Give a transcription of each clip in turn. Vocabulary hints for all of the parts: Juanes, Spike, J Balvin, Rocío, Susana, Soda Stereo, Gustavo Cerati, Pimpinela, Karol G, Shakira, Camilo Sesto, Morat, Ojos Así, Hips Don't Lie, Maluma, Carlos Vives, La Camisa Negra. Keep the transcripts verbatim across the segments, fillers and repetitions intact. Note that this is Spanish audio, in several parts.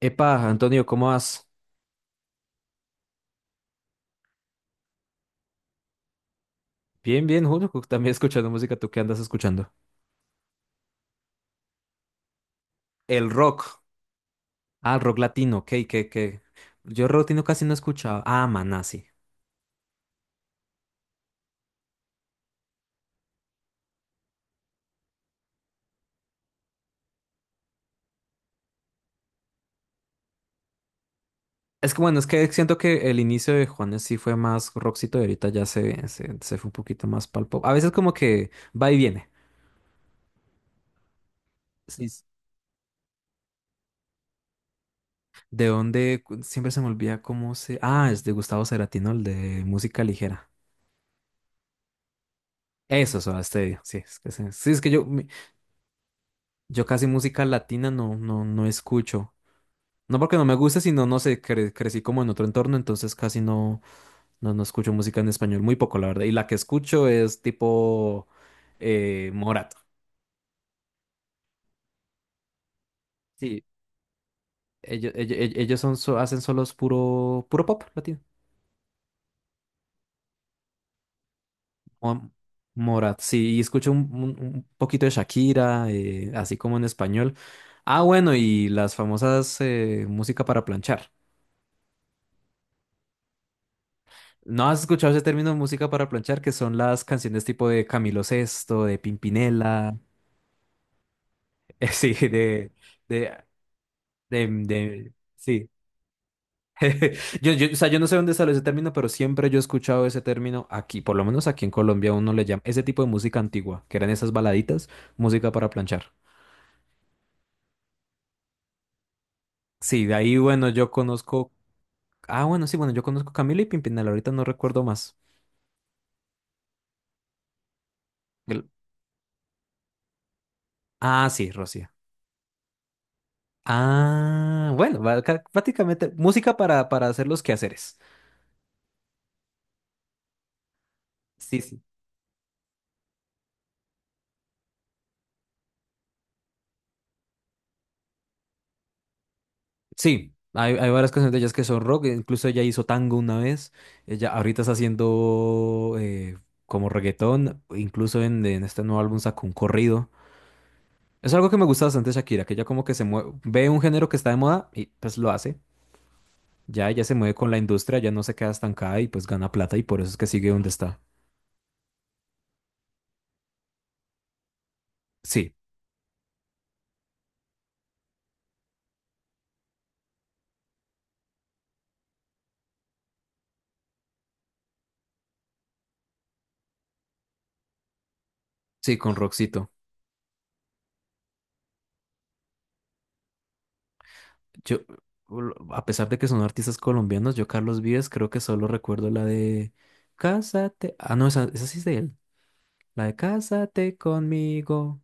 Epa, Antonio, ¿cómo vas? Bien, bien, Julio, también escuchando música, ¿tú qué andas escuchando? El rock. Ah, rock latino, ok, que, que. Yo rock latino casi no he escuchado. Ah, maná, sí. Es que bueno, es que siento que el inicio de Juanes sí fue más rockcito y ahorita ya se, se, se fue un poquito más pal pop. A veces como que va y viene. Sí. s- ¿De dónde? Cu- Siempre se me olvida cómo se. Ah, es de Gustavo Cerati, ¿no? El de música ligera. Eso, Soda Stereo. Sí, es que, se- sí, es que yo, mi- yo casi música latina no, no, no escucho. No porque no me guste, sino no sé, cre- crecí como en otro entorno, entonces casi no, no, no escucho música en español, muy poco, la verdad. Y la que escucho es tipo eh, Morat. Sí, ellos, ellos, ellos son, so- hacen solos puro, puro pop latino. Mo- Morat, sí, y escucho un, un- un poquito de Shakira, eh, así como en español. Ah, bueno, y las famosas eh, música para planchar. ¿No has escuchado ese término música para planchar? Que son las canciones tipo de Camilo Sesto, de Pimpinela. Sí, de, de, de, de- sí. Yo, yo, o sea, yo no sé dónde salió ese término, pero siempre yo he escuchado ese término aquí, por lo menos aquí en Colombia uno le llama ese tipo de música antigua, que eran esas baladitas, música para planchar. Sí, de ahí, bueno, yo conozco, ah, bueno, sí, bueno, yo conozco Camila y Pimpinela, ahorita no recuerdo más. El- Ah, sí, Rocío. Ah, bueno, va- ca- prácticamente música para, para hacer los quehaceres. Sí, sí. Sí, hay, hay varias canciones de ellas que son rock, incluso ella hizo tango una vez, ella ahorita está haciendo eh, como reggaetón, incluso en, en este nuevo álbum sacó un corrido. Es algo que me gusta bastante de Shakira, que ella como que se mueve, ve un género que está de moda y pues lo hace. Ya ella se mueve con la industria, ya no se queda estancada y pues gana plata y por eso es que sigue donde está. Sí, sí, con Roxito. Yo, a pesar de que son artistas colombianos, yo Carlos Vives creo que solo recuerdo la de Cásate. Ah, no, esa, esa sí es de él. La de Cásate conmigo.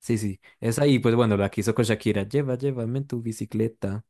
Sí, sí, esa y pues bueno, la que hizo con Shakira. Lleva, llévame en tu bicicleta.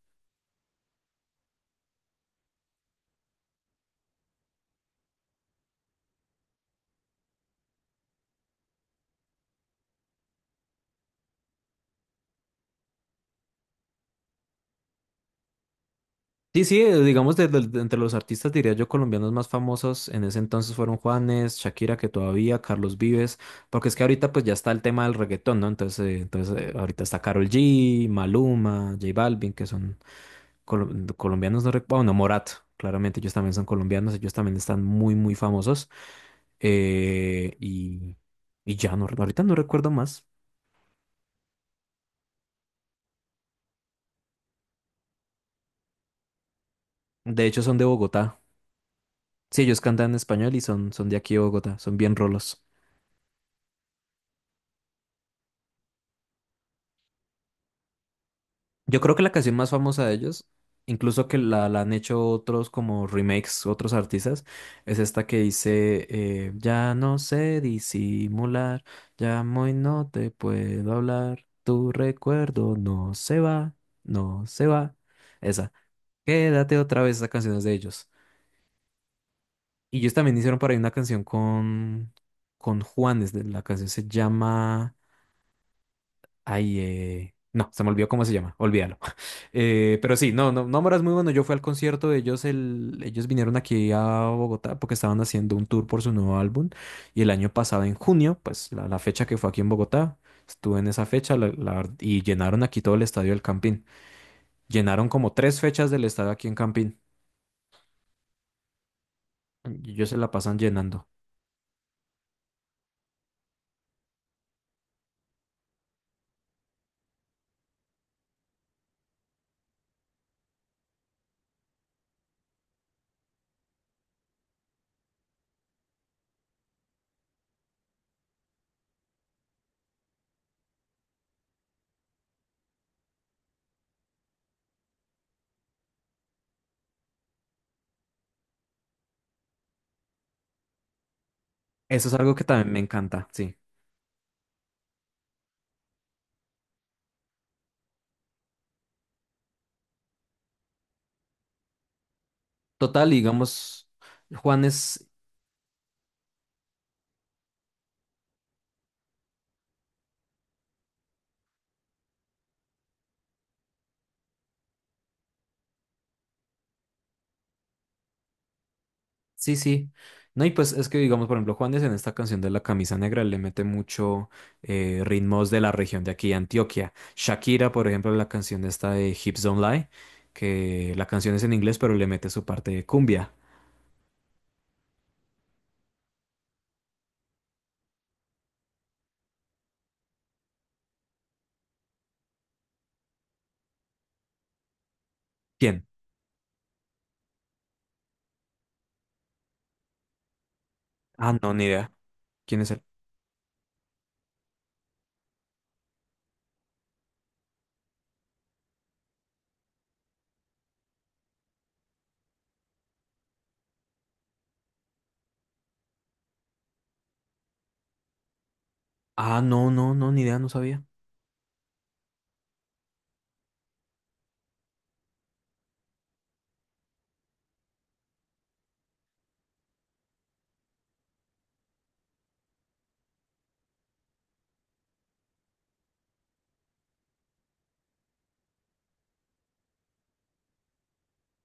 Sí, sí, eh, digamos, de- de- de entre los artistas, diría yo, colombianos más famosos en ese entonces fueron Juanes, Shakira, que todavía, Carlos Vives, porque es que ahorita pues ya está el tema del reggaetón, ¿no? Entonces, eh, entonces eh, ahorita está Karol G, Maluma, J Balvin, que son colo- colombianos, no recuerdo, bueno, Morat, claramente ellos también son colombianos, ellos también están muy, muy famosos. eh, y, y ya, no, ahorita no recuerdo más. De hecho, son de Bogotá. Sí, ellos cantan en español y son, son de aquí de Bogotá, son bien rolos. Yo creo que la canción más famosa de ellos, incluso que la, la han hecho otros como remakes, otros artistas, es esta que dice, eh, ya no sé disimular, llamo y no te puedo hablar, tu recuerdo no se va, no se va. Esa, quédate otra vez, esa canción es de ellos. Y ellos también hicieron por ahí una canción con, con Juanes, de- la canción se llama, ay, eh, no, se me olvidó cómo se llama, olvídalo. Eh, pero sí, no, no, Nómora es muy bueno. Yo fui al concierto de ellos, el, ellos vinieron aquí a Bogotá porque estaban haciendo un tour por su nuevo álbum. Y el año pasado, en junio, pues la, la fecha que fue aquí en Bogotá, estuve en esa fecha la- la- y llenaron aquí todo el estadio del Campín. Llenaron como tres fechas del estadio aquí en Campín. Y ellos se la pasan llenando. Eso es algo que también me encanta, sí. Total, digamos, Juan es sí, sí. No, y pues es que, digamos, por ejemplo, Juanes en esta canción de La Camisa Negra le mete mucho eh, ritmos de la región de aquí, de Antioquia. Shakira, por ejemplo, en la canción esta de Hips Don't Lie, que la canción es en inglés, pero le mete su parte de cumbia. ¿Quién? Ah, no, ni idea. ¿Quién es él? Ah, no, no, no, ni idea, no sabía.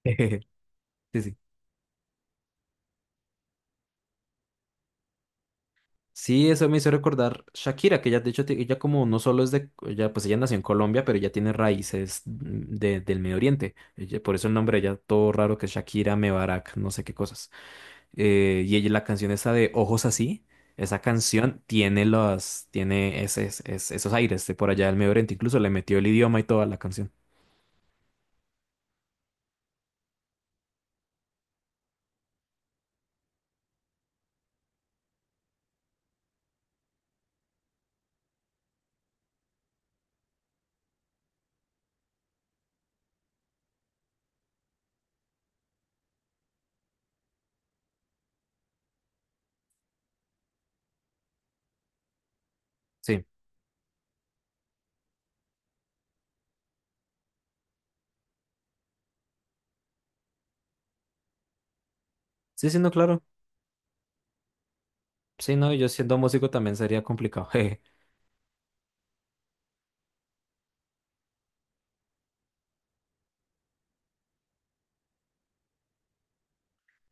Sí, sí. Sí, eso me hizo recordar Shakira, que ella, de hecho, ti- ella como no solo es de, ella, pues ella nació en Colombia, pero ella tiene raíces mm, de- del Medio Oriente. Ella- por eso el nombre de ella, todo raro que es Shakira, Mebarak, no sé qué cosas. Eh, y ella, la canción esa de Ojos Así, esa canción tiene los, tiene ese, ese- ese- esos aires de por allá del Medio Oriente. Incluso le metió el idioma y toda la canción. Sí, sí, sí, no, claro. Sí, no, yo siendo músico también sería complicado.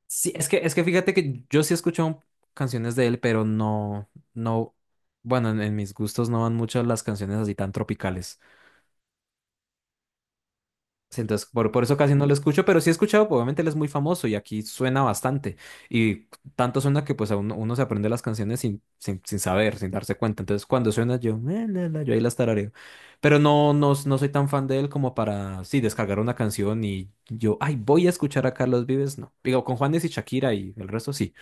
Sí, es que, es que fíjate que yo sí he escuchado canciones de él, pero no, no, bueno, en, en mis gustos no van muchas las canciones así tan tropicales. Sí, entonces, por, por eso casi no lo escucho, pero sí he escuchado, pues, obviamente él es muy famoso y aquí suena bastante. Y tanto suena que pues a uno, uno se aprende las canciones sin, sin, sin saber, sin darse cuenta. Entonces, cuando suena yo, "Eh, la, la", yo ahí las tarareo. Pero no, no, no soy tan fan de él como para, sí, descargar una canción y yo, ay, voy a escuchar a Carlos Vives, no. Digo, con Juanes y Shakira y el resto sí.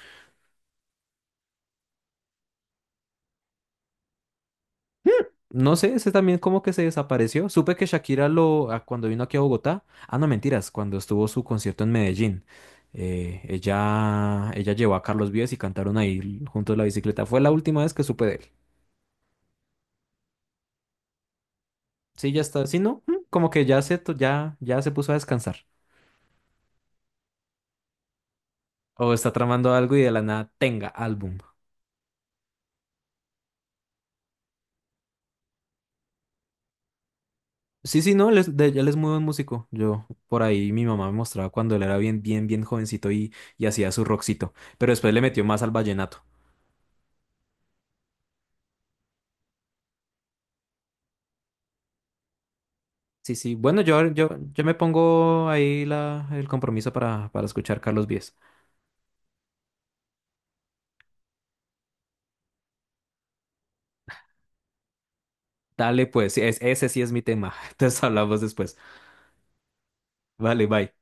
No sé, ese también como que se desapareció. Supe que Shakira lo, a- cuando vino aquí a Bogotá, ah, no, mentiras, cuando estuvo su concierto en Medellín, eh, ella, ella llevó a Carlos Vives y cantaron ahí juntos la bicicleta. Fue la última vez que supe de él. Sí, ya está. Sí, no, mm, como que ya se, to- ya, ya se puso a descansar. O está tramando algo y de la nada tenga álbum. Sí, sí, no, él es, de- él es muy buen músico. Yo, por ahí, mi mamá me mostraba cuando él era bien, bien, bien jovencito y, y hacía su rockcito. Pero después le metió más al vallenato. Sí, sí. Bueno, yo, yo, yo me pongo ahí la, el compromiso para, para escuchar Carlos Vives. Dale, pues, es, ese sí es mi tema. Entonces hablamos después. Vale, bye.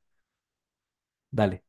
Dale.